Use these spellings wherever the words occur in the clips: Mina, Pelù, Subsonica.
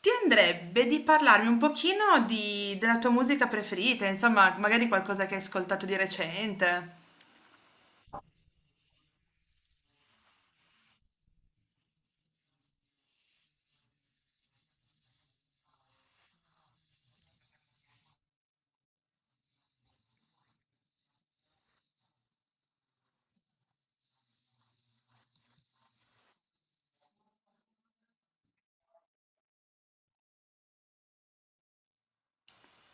Ti andrebbe di parlarmi un pochino di della tua musica preferita, insomma, magari qualcosa che hai ascoltato di recente.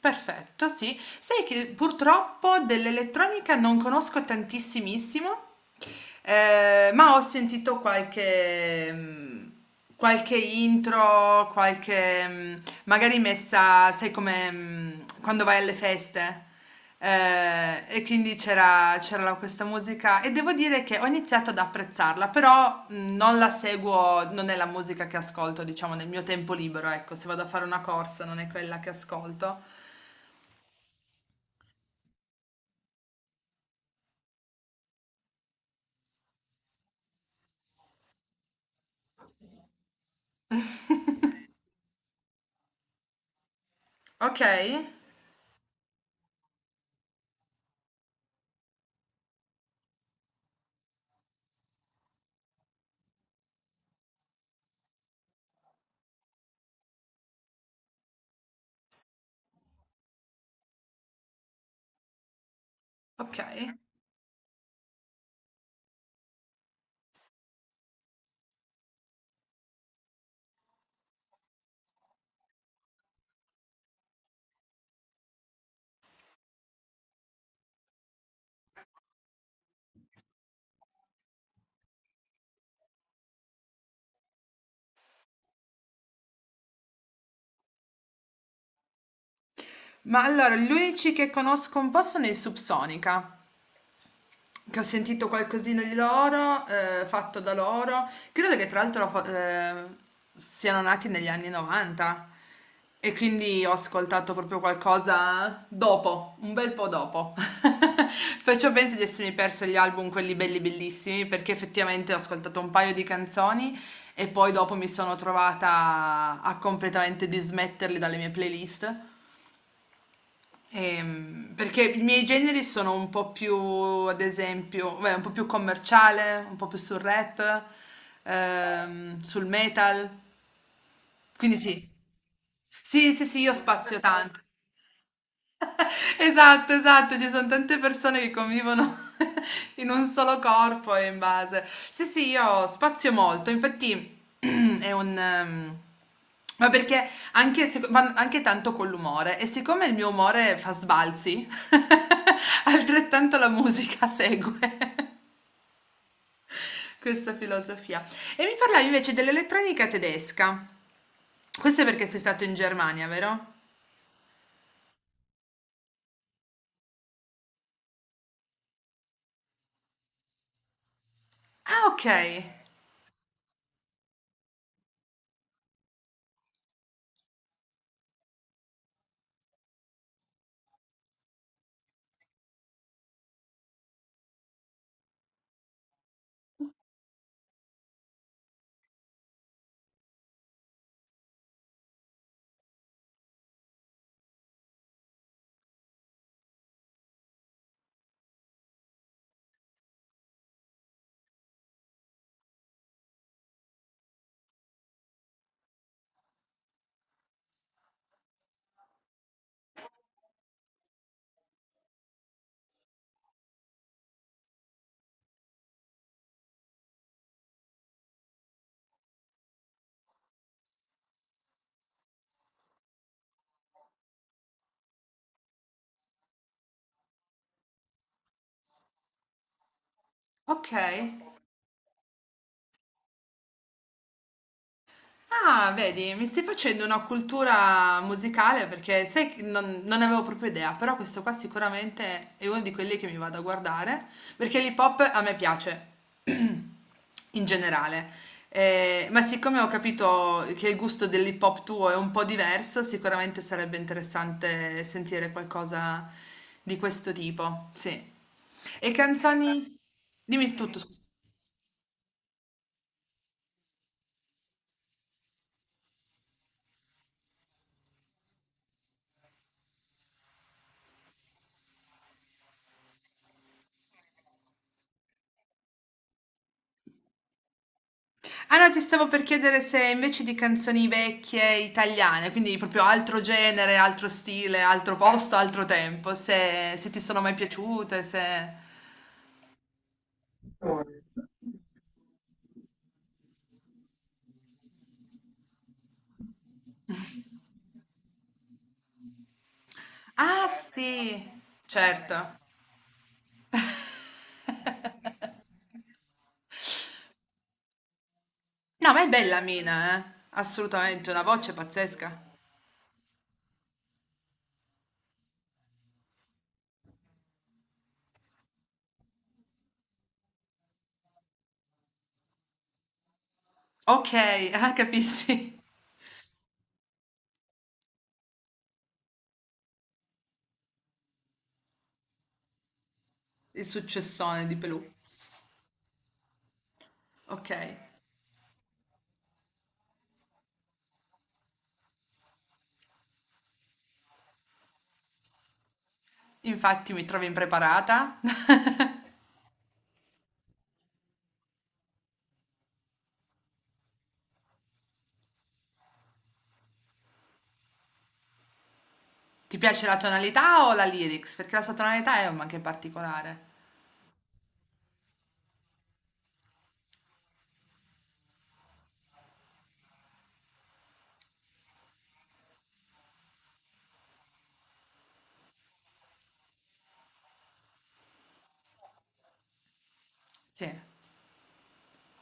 Perfetto, sì. Sai che purtroppo dell'elettronica non conosco tantissimissimo, ma ho sentito qualche intro, qualche, magari messa, sai, come quando vai alle feste. E quindi c'era questa musica e devo dire che ho iniziato ad apprezzarla, però, non la seguo, non è la musica che ascolto, diciamo, nel mio tempo libero, ecco, se vado a fare una corsa non è quella che ascolto. Ok, ok. Ma allora, gli unici che conosco un po' sono i Subsonica, che ho sentito qualcosina di loro, fatto da loro. Credo che tra l'altro siano nati negli anni 90 e quindi ho ascoltato proprio qualcosa dopo, un bel po' dopo. Perciò penso di essermi persa gli album, quelli belli bellissimi, perché effettivamente ho ascoltato un paio di canzoni e poi dopo mi sono trovata a completamente dismetterli dalle mie playlist. Perché i miei generi sono un po' più, ad esempio, beh, un po' più commerciale, un po' più sul rap, sul metal. Quindi sì, sì, sì, sì, io spazio tanto. Esatto, esatto, ci son tante persone che convivono in un solo corpo e in base sì, sì, io spazio molto, infatti è un, ma perché anche seco van anche tanto con l'umore e siccome il mio umore fa sbalzi, altrettanto la musica segue questa filosofia. E mi parlavi invece dell'elettronica tedesca. Questo è perché sei stato in Germania, vero? Ah, okay, okay. Ah, vedi, mi stai facendo una cultura musicale perché sai che non ne avevo proprio idea, però questo qua sicuramente è uno di quelli che mi vado a guardare, perché l'hip hop a me piace in generale. Ma siccome ho capito che il gusto dell'hip hop tuo è un po' diverso, sicuramente sarebbe interessante sentire qualcosa di questo tipo, sì. E canzoni? Dimmi tutto. Ah no, ti stavo per chiedere se invece di canzoni vecchie italiane, quindi proprio altro genere, altro stile, altro posto, altro tempo, se ti sono mai piaciute, se... Ah sì, certo. No, ma è bella Mina, eh? Assolutamente, una voce pazzesca. Ok. Ah, capisci? Il successone di Pelù. Ok, infatti mi trovi impreparata. Ti piace la tonalità o la lyrics? Perché la sua tonalità è anche particolare. Sì,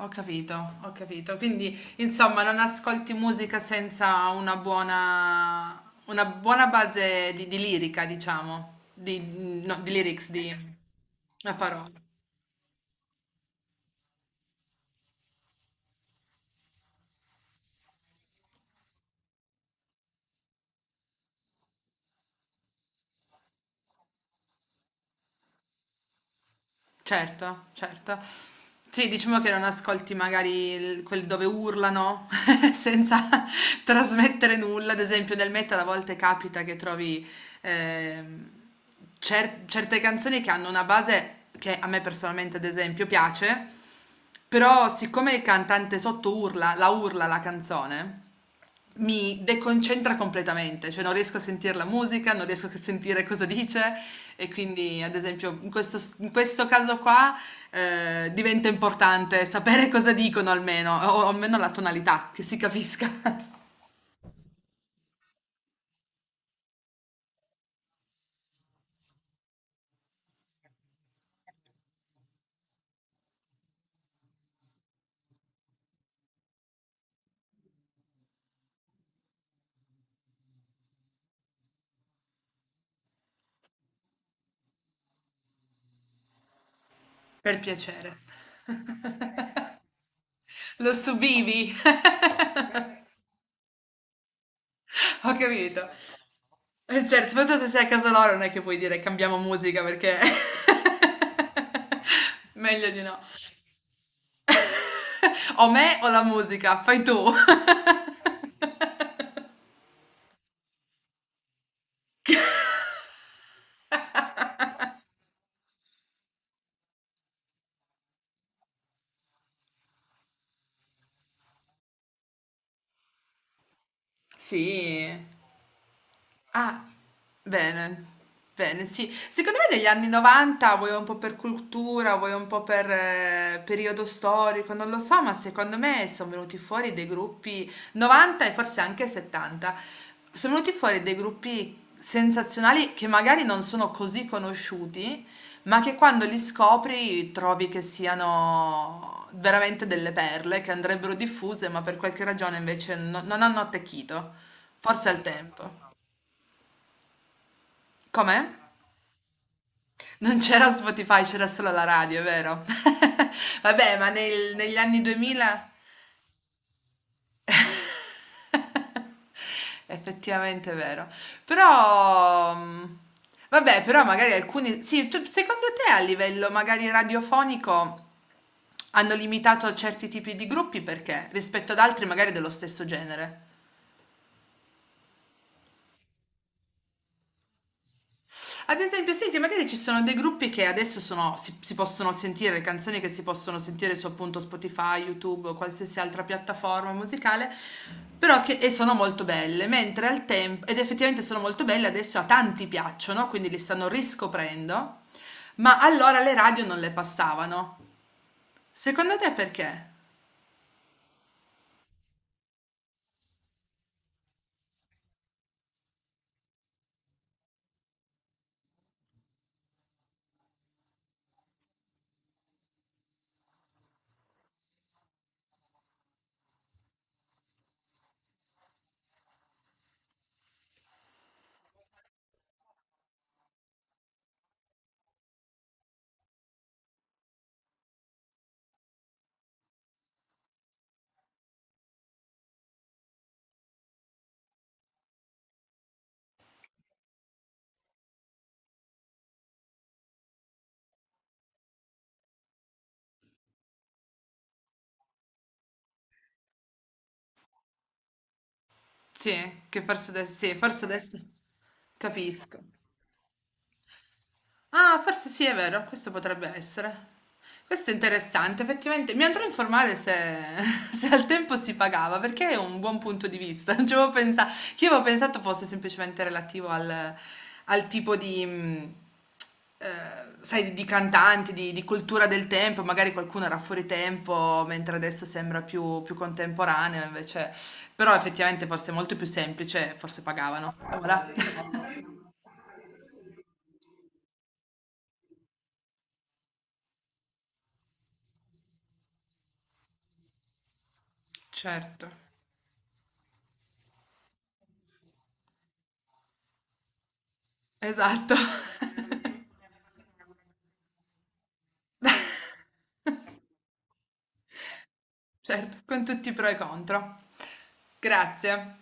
ho capito, ho capito. Quindi, insomma, non ascolti musica senza una buona base di lirica, diciamo, di, no, di lyrics, di una parola. Certo, certo. Sì, diciamo che non ascolti magari il quelli dove urlano senza trasmettere nulla. Ad esempio nel metal a volte capita che trovi, ehm, certe canzoni che hanno una base che a me personalmente ad esempio piace, però siccome il cantante sotto urla la canzone mi deconcentra completamente, cioè non riesco a sentire la musica, non riesco a sentire cosa dice e quindi ad esempio in questo, caso qua, diventa importante sapere cosa dicono almeno, o almeno la tonalità, che si capisca, per piacere. Lo subivi. Ho capito. Certo, soprattutto se sei a casa loro non è che puoi dire cambiamo musica perché... Meglio di no. O me o la musica, fai tu. Sì. Ah, bene, bene, sì. Secondo me negli anni 90, vuoi un po' per cultura, vuoi un po' per periodo storico, non lo so, ma secondo me sono venuti fuori dei gruppi 90 e forse anche 70. Sono venuti fuori dei gruppi sensazionali che magari non sono così conosciuti, ma che quando li scopri trovi che siano veramente delle perle che andrebbero diffuse, ma per qualche ragione invece non hanno attecchito, forse al tempo. Come? Non c'era Spotify, c'era solo la radio, è vero? Vabbè, ma negli anni 2000 effettivamente è vero. Però, vabbè, però magari alcuni sì, secondo te a livello magari radiofonico hanno limitato certi tipi di gruppi perché rispetto ad altri magari dello stesso genere? Ad esempio, sì, che magari ci sono dei gruppi che adesso sono, si possono sentire, le canzoni che si possono sentire su appunto Spotify, YouTube o qualsiasi altra piattaforma musicale, però che e sono molto belle, mentre al tempo, ed effettivamente sono molto belle, adesso a tanti piacciono, quindi li stanno riscoprendo, ma allora le radio non le passavano. Secondo te perché? Sì, che forse adesso, sì, forse adesso capisco. Ah, forse sì, è vero, questo potrebbe essere. Questo è interessante, effettivamente. Mi andrò a informare se, se al tempo si pagava, perché è un buon punto di vista. Non ci avevo pensato, che io avevo pensato fosse semplicemente relativo al tipo di, eh, sai, di cantanti, di cultura del tempo. Magari qualcuno era fuori tempo, mentre adesso sembra più contemporaneo, invece. Però effettivamente forse è molto più semplice, forse pagavano. Voilà. Certo, esatto. Certo, con tutti i pro e contro. Grazie.